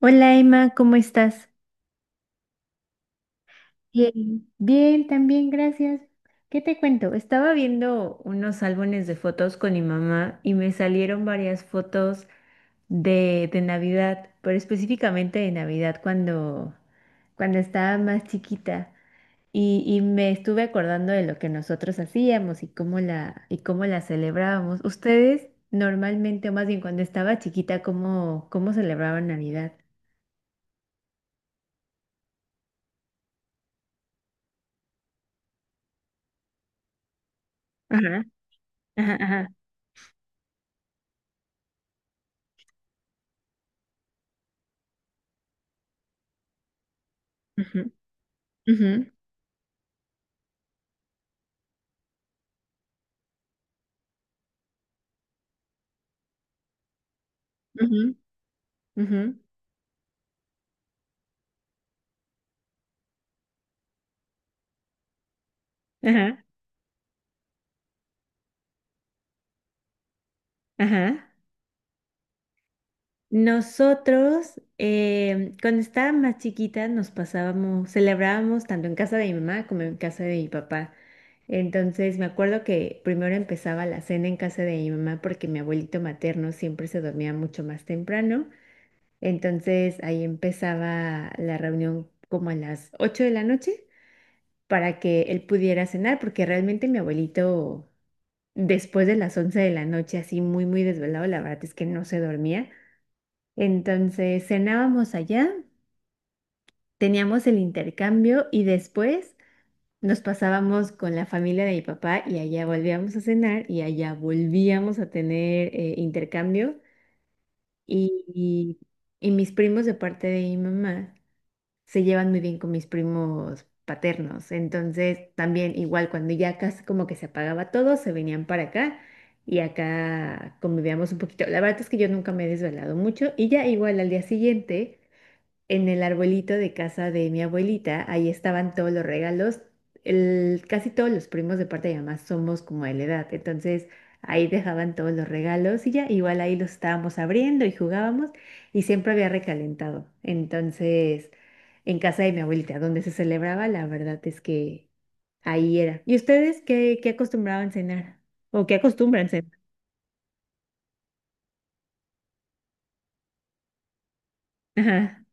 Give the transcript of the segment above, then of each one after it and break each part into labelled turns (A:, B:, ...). A: Hola Emma, ¿cómo estás? Bien, también, gracias. ¿Qué te cuento? Estaba viendo unos álbumes de fotos con mi mamá y me salieron varias fotos de Navidad, pero específicamente de Navidad cuando estaba más chiquita. Y me estuve acordando de lo que nosotros hacíamos y cómo la celebrábamos. ¿Ustedes normalmente, o más bien cuando estaba chiquita, cómo celebraban Navidad? Ajá, ajá, ajá. Ujú, ujú, ujú. Ujú, ajá, ajá. Nosotros, cuando estaba más chiquita, nos pasábamos, celebrábamos tanto en casa de mi mamá como en casa de mi papá. Entonces, me acuerdo que primero empezaba la cena en casa de mi mamá porque mi abuelito materno siempre se dormía mucho más temprano. Entonces, ahí empezaba la reunión como a las 8 de la noche para que él pudiera cenar, porque realmente mi abuelito después de las 11 de la noche, así muy, muy desvelado, la verdad es que no se dormía. Entonces cenábamos allá, teníamos el intercambio y después nos pasábamos con la familia de mi papá y allá volvíamos a cenar y allá volvíamos a tener intercambio y, y y mis primos de parte de mi mamá se llevan muy bien con mis primos paternos. Entonces, también igual cuando ya casi como que se apagaba todo, se venían para acá y acá convivíamos un poquito. La verdad es que yo nunca me he desvelado mucho y ya igual al día siguiente en el arbolito de casa de mi abuelita, ahí estaban todos los regalos. Casi todos los primos de parte de mi mamá somos como de la edad, entonces ahí dejaban todos los regalos y ya, igual ahí los estábamos abriendo y jugábamos y siempre había recalentado. Entonces, en casa de mi abuelita, donde se celebraba, la verdad es que ahí era. ¿Y ustedes qué acostumbraban cenar? ¿O qué acostumbran cenar? Ajá,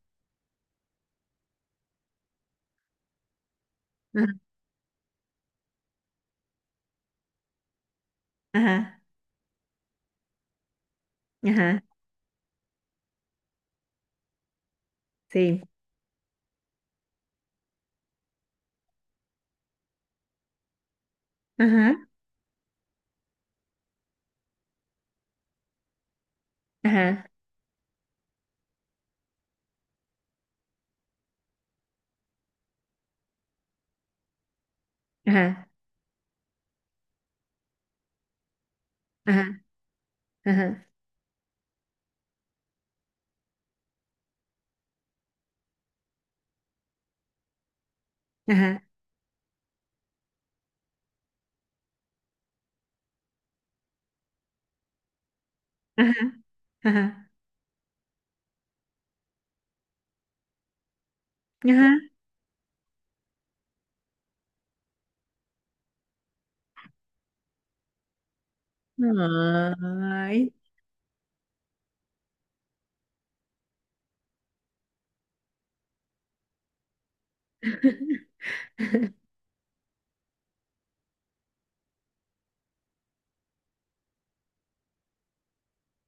A: ajá, ajá, ajá, sí, ajá, ajá, ajá, ajá. Ajá, ajá, ajá, ajá, ajá. Ay.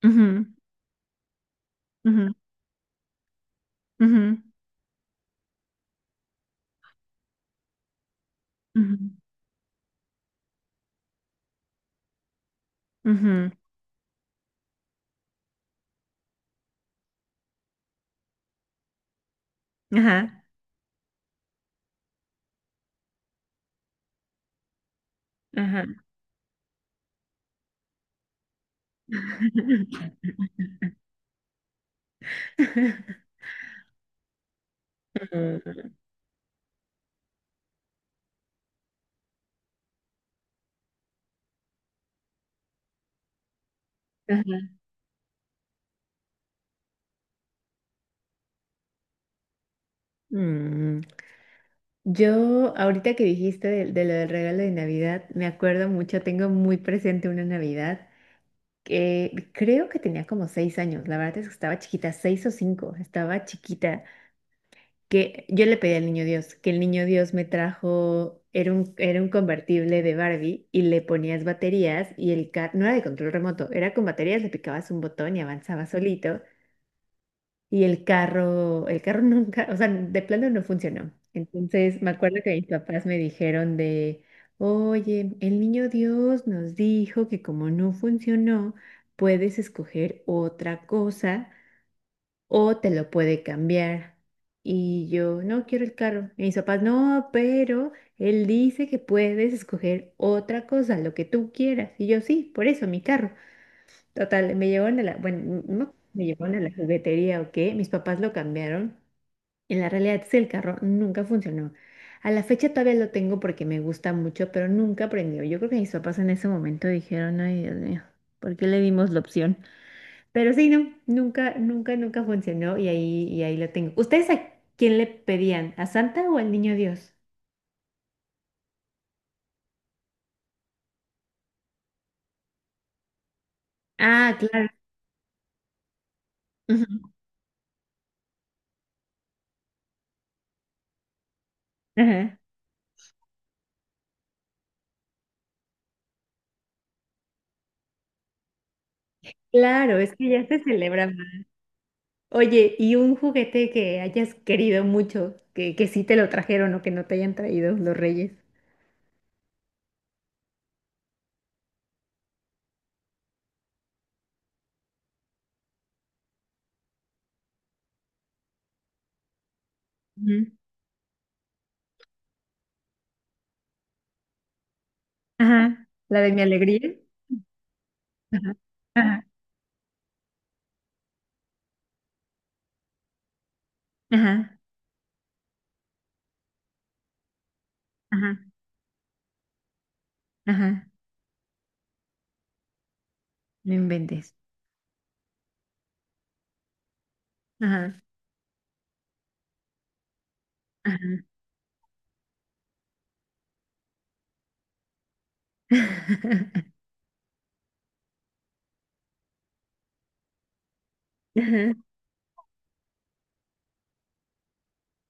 A: Ujú, ujú, ujú, ujú, ujú. Ajá, ajá. Ajá. Mm. Yo, ahorita que dijiste de lo del regalo de Navidad, me acuerdo mucho, tengo muy presente una Navidad que creo que tenía como 6 años, la verdad es que estaba chiquita, 6 o 5, estaba chiquita que yo le pedí al niño Dios, que el niño Dios me trajo, era un convertible de Barbie y le ponías baterías y el carro, no era de control remoto, era con baterías, le picabas un botón y avanzaba solito y el carro nunca, o sea, de plano no funcionó. Entonces me acuerdo que mis papás me dijeron de, oye, el niño Dios nos dijo que como no funcionó, puedes escoger otra cosa o te lo puede cambiar. Y yo, no quiero el carro. Y mis papás, no, pero él dice que puedes escoger otra cosa, lo que tú quieras. Y yo, sí, por eso, mi carro. Total, me llevaron a la, bueno, no, me llevaron a la juguetería o qué, mis papás lo cambiaron. En la realidad es que el carro nunca funcionó. A la fecha todavía lo tengo porque me gusta mucho, pero nunca prendió. Yo creo que mis papás en ese momento dijeron, ay, Dios mío, ¿por qué le dimos la opción? Pero sí, no, nunca, nunca, nunca funcionó y ahí lo tengo. ¿Ustedes a quién le pedían? ¿A Santa o al Niño Dios? Ah, claro. Ujú. Ajá. Claro, es que ya se celebra más. Oye, ¿y un juguete que hayas querido mucho, que sí te lo trajeron o que no te hayan traído los reyes? Ujú. Ajá, la de mi alegría. Ajá, ajá, ajá, ajá, ajá, no inventes. Ajá, ajá, ajá,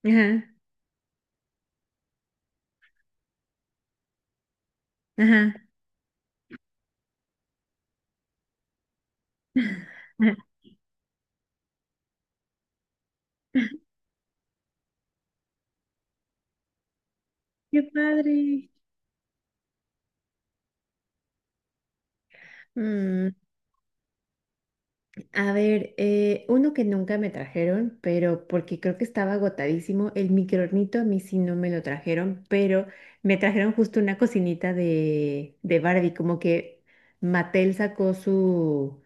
A: ajá, ajá, ajá. Qué padre. Mm, a ver, uno que nunca me trajeron, pero porque creo que estaba agotadísimo, el microornito a mí sí no me lo trajeron, pero me trajeron justo una cocinita de Barbie, como que Mattel sacó su,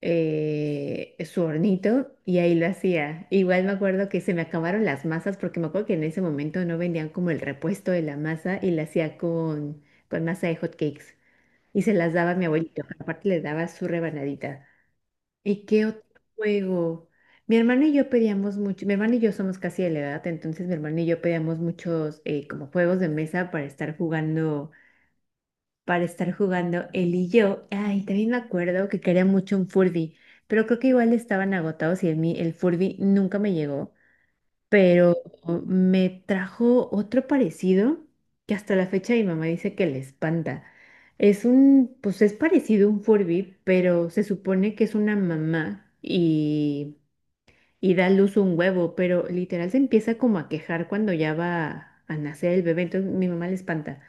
A: eh, su hornito y ahí lo hacía. Igual me acuerdo que se me acabaron las masas, porque me acuerdo que en ese momento no vendían como el repuesto de la masa y la hacía con masa de hot cakes. Y se las daba a mi abuelito, aparte le daba su rebanadita. ¿Y qué otro juego? Mi hermano y yo pedíamos mucho, mi hermano y yo somos casi de la edad, entonces mi hermano y yo pedíamos muchos como juegos de mesa para estar jugando él y yo. Ay, también me acuerdo que quería mucho un Furby, pero creo que igual estaban agotados y a mí el Furby nunca me llegó pero me trajo otro parecido que hasta la fecha mi mamá dice que le espanta. Pues es parecido a un Furby, pero se supone que es una mamá y da a luz un huevo, pero literal se empieza como a quejar cuando ya va a nacer el bebé, entonces mi mamá le espanta.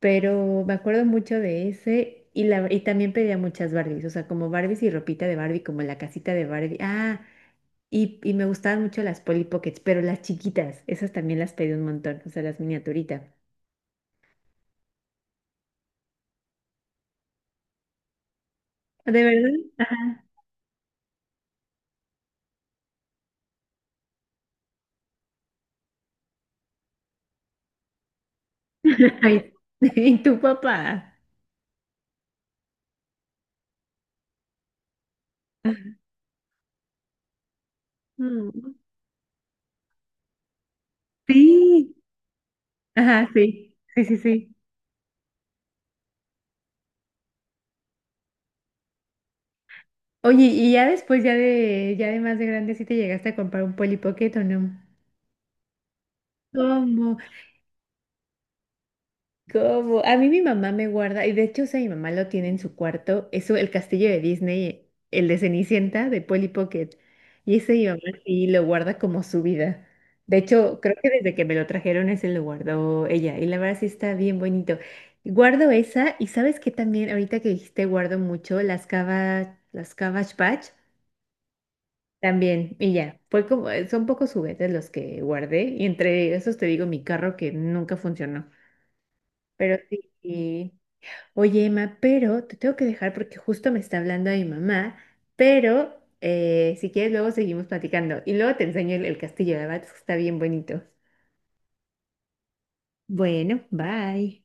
A: Pero me acuerdo mucho de ese. Y también pedía muchas Barbies, o sea, como Barbies y ropita de Barbie, como la casita de Barbie. Ah, y me gustaban mucho las Polly Pockets, pero las chiquitas, esas también las pedí un montón, o sea, las miniaturitas. ¿De verdad? Ajá. Ay, ¿Y tu papá? Mm, sí. Ajá, sí. Sí, sí, sí. Oye, ¿y ya después, ya de más de grande, sí te llegaste a comprar un Polly Pocket o no? ¿Cómo? ¿Cómo? A mí mi mamá me guarda, y de hecho, o sea, mi mamá lo tiene en su cuarto, eso, el castillo de Disney, el de Cenicienta, de Polly Pocket, y ese mi mamá sí lo guarda como su vida. De hecho, creo que desde que me lo trajeron ese lo guardó ella, y la verdad sí está bien bonito. Guardo esa, y sabes que también, ahorita que dijiste, guardo mucho las Cabbage Patch, también, y ya, fue como, son pocos juguetes los que guardé, y entre esos te digo mi carro que nunca funcionó, pero sí. Oye, Emma, pero te tengo que dejar porque justo me está hablando mi mamá, pero si quieres luego seguimos platicando y luego te enseño el castillo de Abad, que está bien bonito. Bueno, bye.